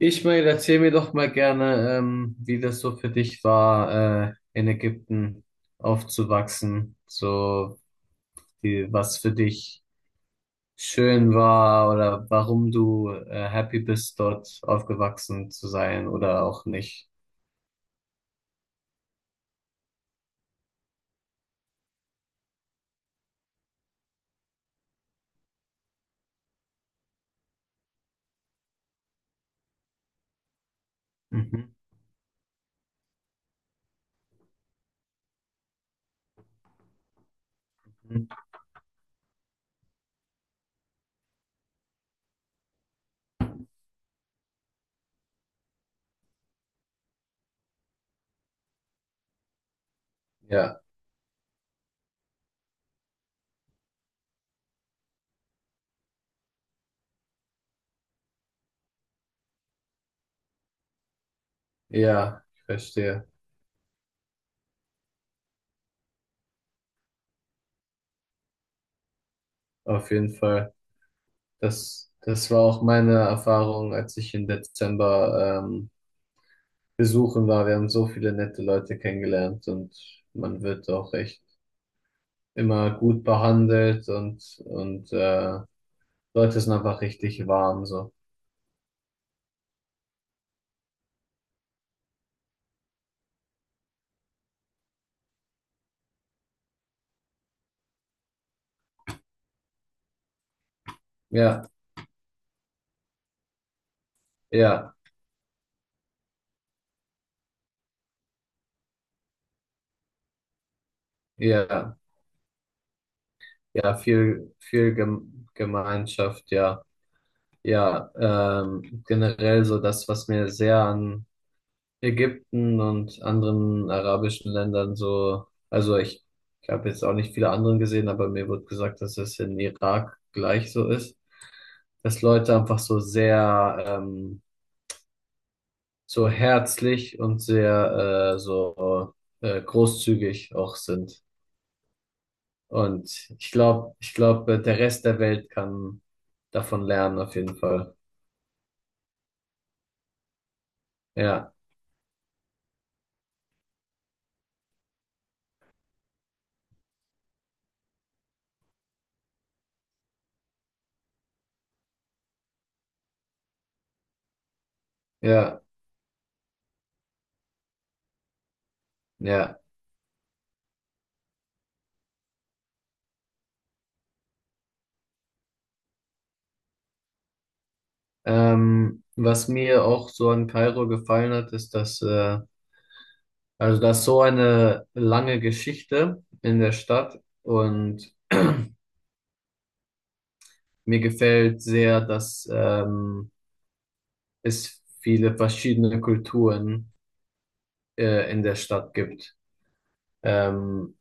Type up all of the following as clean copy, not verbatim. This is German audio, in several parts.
Ismail, erzähl mir doch mal gerne, wie das so für dich war, in Ägypten aufzuwachsen. So, wie, was für dich schön war oder warum du, happy bist, dort aufgewachsen zu sein oder auch nicht. Mhm. Ja, ja, ich verstehe. Auf jeden Fall. Das war auch meine Erfahrung, als ich im Dezember besuchen war. Wir haben so viele nette Leute kennengelernt und man wird auch echt immer gut behandelt und Leute sind einfach richtig warm so. Ja, ja, ja, ja, viel, viel Gemeinschaft, ja. Ja, generell so das, was mir sehr an Ägypten und anderen arabischen Ländern so, also ich habe jetzt auch nicht viele anderen gesehen, aber mir wird gesagt, dass es in Irak gleich so ist, dass Leute einfach so sehr so herzlich und sehr so großzügig auch sind. Und ich glaube, der Rest der Welt kann davon lernen, auf jeden Fall. Ja, ja, ja. Was mir auch so an Kairo gefallen hat, ist, dass, also da ist so eine lange Geschichte in der Stadt und mir gefällt sehr, dass es viele verschiedene Kulturen in der Stadt gibt. Ähm,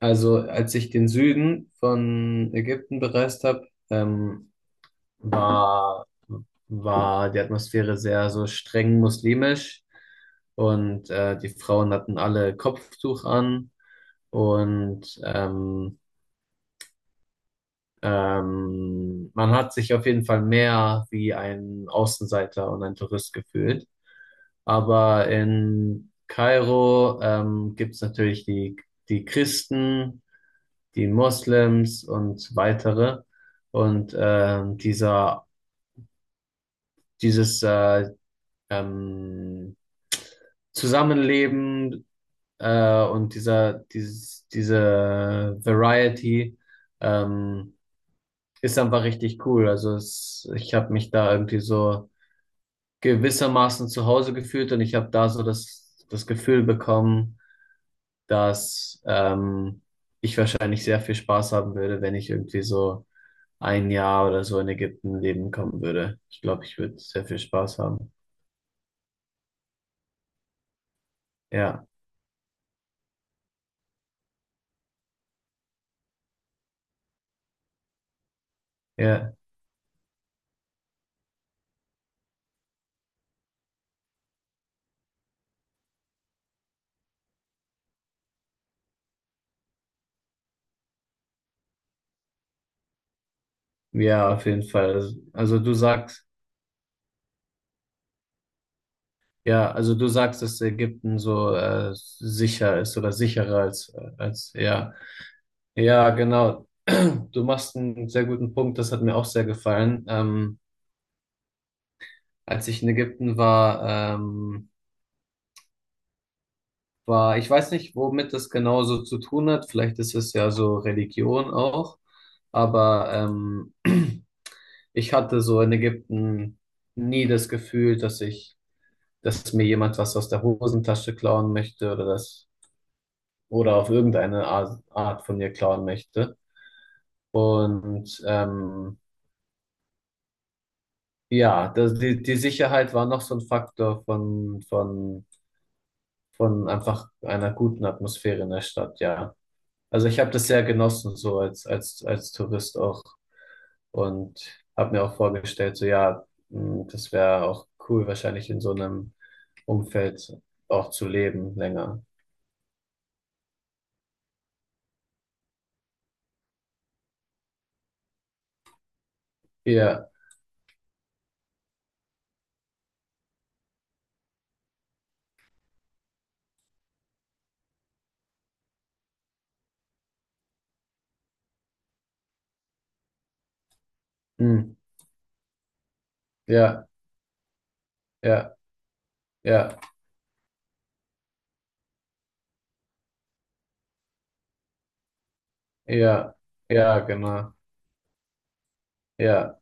also als ich den Süden von Ägypten bereist habe, war, war die Atmosphäre sehr so streng muslimisch und die Frauen hatten alle Kopftuch an und man hat sich auf jeden Fall mehr wie ein Außenseiter und ein Tourist gefühlt. Aber in Kairo gibt es natürlich die Christen, die Moslems und weitere. Und dieser, dieses ähm, Zusammenleben und diese Variety ähm, ist einfach richtig cool. Also ich habe mich da irgendwie so gewissermaßen zu Hause gefühlt und ich habe da so das Gefühl bekommen, dass ich wahrscheinlich sehr viel Spaß haben würde, wenn ich irgendwie so ein Jahr oder so in Ägypten leben kommen würde. Ich glaube, ich würde sehr viel Spaß haben. Ja, ja, ja, auf jeden Fall. Also du sagst, ja, also du sagst, dass Ägypten so sicher ist oder sicherer als, als, ja. Ja, genau. Du machst einen sehr guten Punkt, das hat mir auch sehr gefallen. Als ich in Ägypten war, ich weiß nicht, womit das genau so zu tun hat. Vielleicht ist es ja so Religion auch. Aber ich hatte so in Ägypten nie das Gefühl, dass mir jemand was aus der Hosentasche klauen möchte oder das oder auf irgendeine Art von mir klauen möchte. Und ja, das, die Sicherheit war noch so ein Faktor von einfach einer guten Atmosphäre in der Stadt, ja. Also ich habe das sehr genossen, so als Tourist auch. Und habe mir auch vorgestellt, so ja, mh, das wäre auch cool, wahrscheinlich in so einem Umfeld auch zu leben länger. Ja, mh, ja, ja, ja, ja, ja, genau. Ja,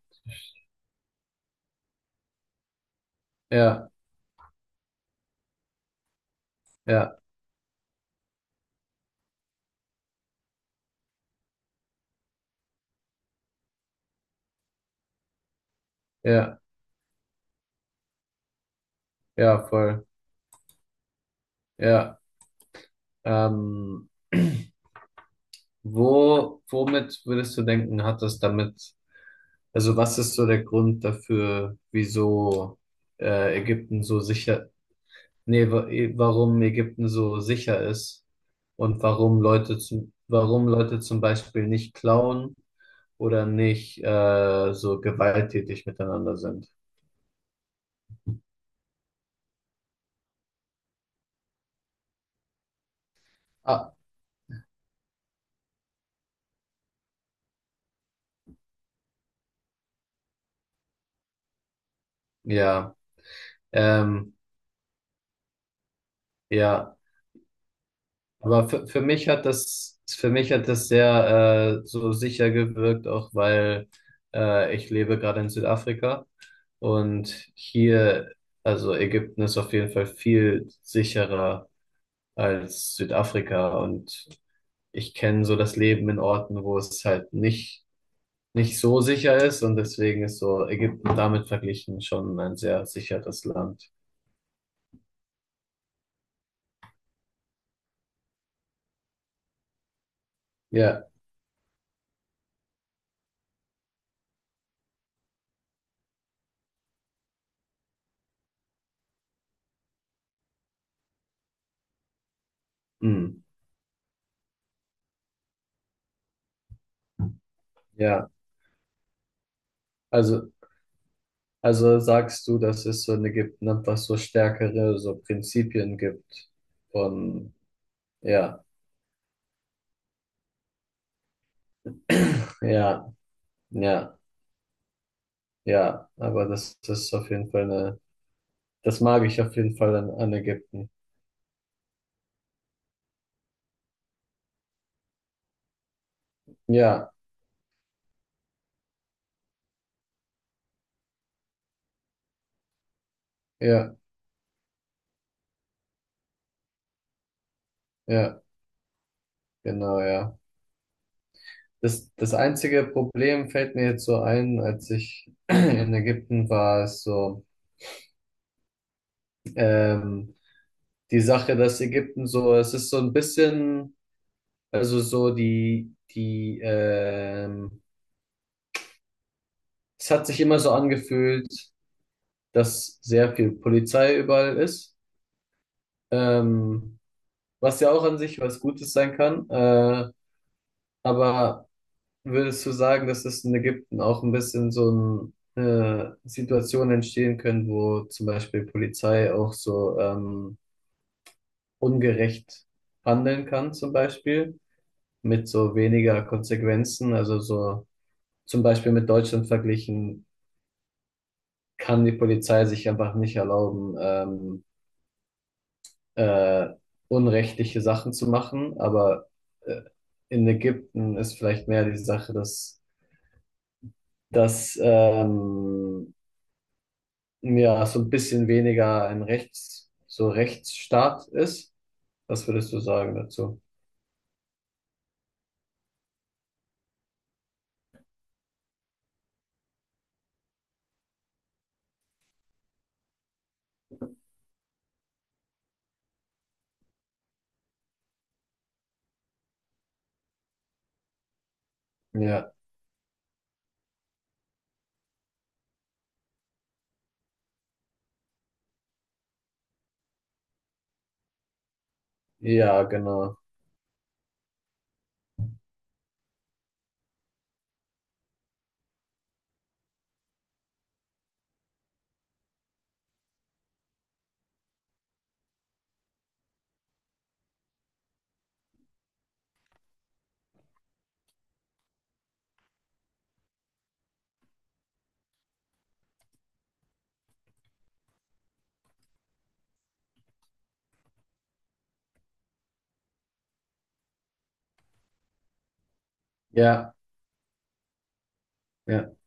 ja, ja, ja, ja, voll. Ja. Ähm, womit würdest du denken, hat das damit. Also was ist so der Grund dafür, wieso Ägypten so sicher, nee, wa- eh, warum Ägypten so sicher ist und warum warum Leute zum Beispiel nicht klauen oder nicht so gewalttätig miteinander sind? Ah, ja, ähm, ja. Aber für mich hat das sehr so sicher gewirkt, auch weil ich lebe gerade in Südafrika. Und hier, also Ägypten ist auf jeden Fall viel sicherer als Südafrika. Und ich kenne so das Leben in Orten, wo es halt nicht so sicher ist. Und deswegen ist so Ägypten damit verglichen schon ein sehr sicheres Land. Ja, hm, ja. Also, also sagst du, dass es so in Ägypten einfach so stärkere so Prinzipien gibt von, ja, ja, ja, ja. Aber das ist auf jeden Fall eine. Das mag ich auf jeden Fall an, an Ägypten. Ja, ja, ja, genau, ja. Das einzige Problem fällt mir jetzt so ein, als ich in Ägypten war, ist so, ähm, die Sache, dass Ägypten so, es ist so ein bisschen, also so es hat sich immer so angefühlt, dass sehr viel Polizei überall ist, ähm, was ja auch an sich was Gutes sein kann, aber würdest du sagen, dass es in Ägypten auch ein bisschen so Situationen entstehen können, wo zum Beispiel Polizei auch so ungerecht handeln kann, zum Beispiel mit so weniger Konsequenzen? Also so zum Beispiel mit Deutschland verglichen, kann die Polizei sich einfach nicht erlauben, äh, unrechtliche Sachen zu machen, aber äh, in Ägypten ist vielleicht mehr die Sache, dass ja, so ein bisschen weniger ein Rechts, so Rechtsstaat ist. Was würdest du sagen dazu? Ja, ja, genau. Ja. ja.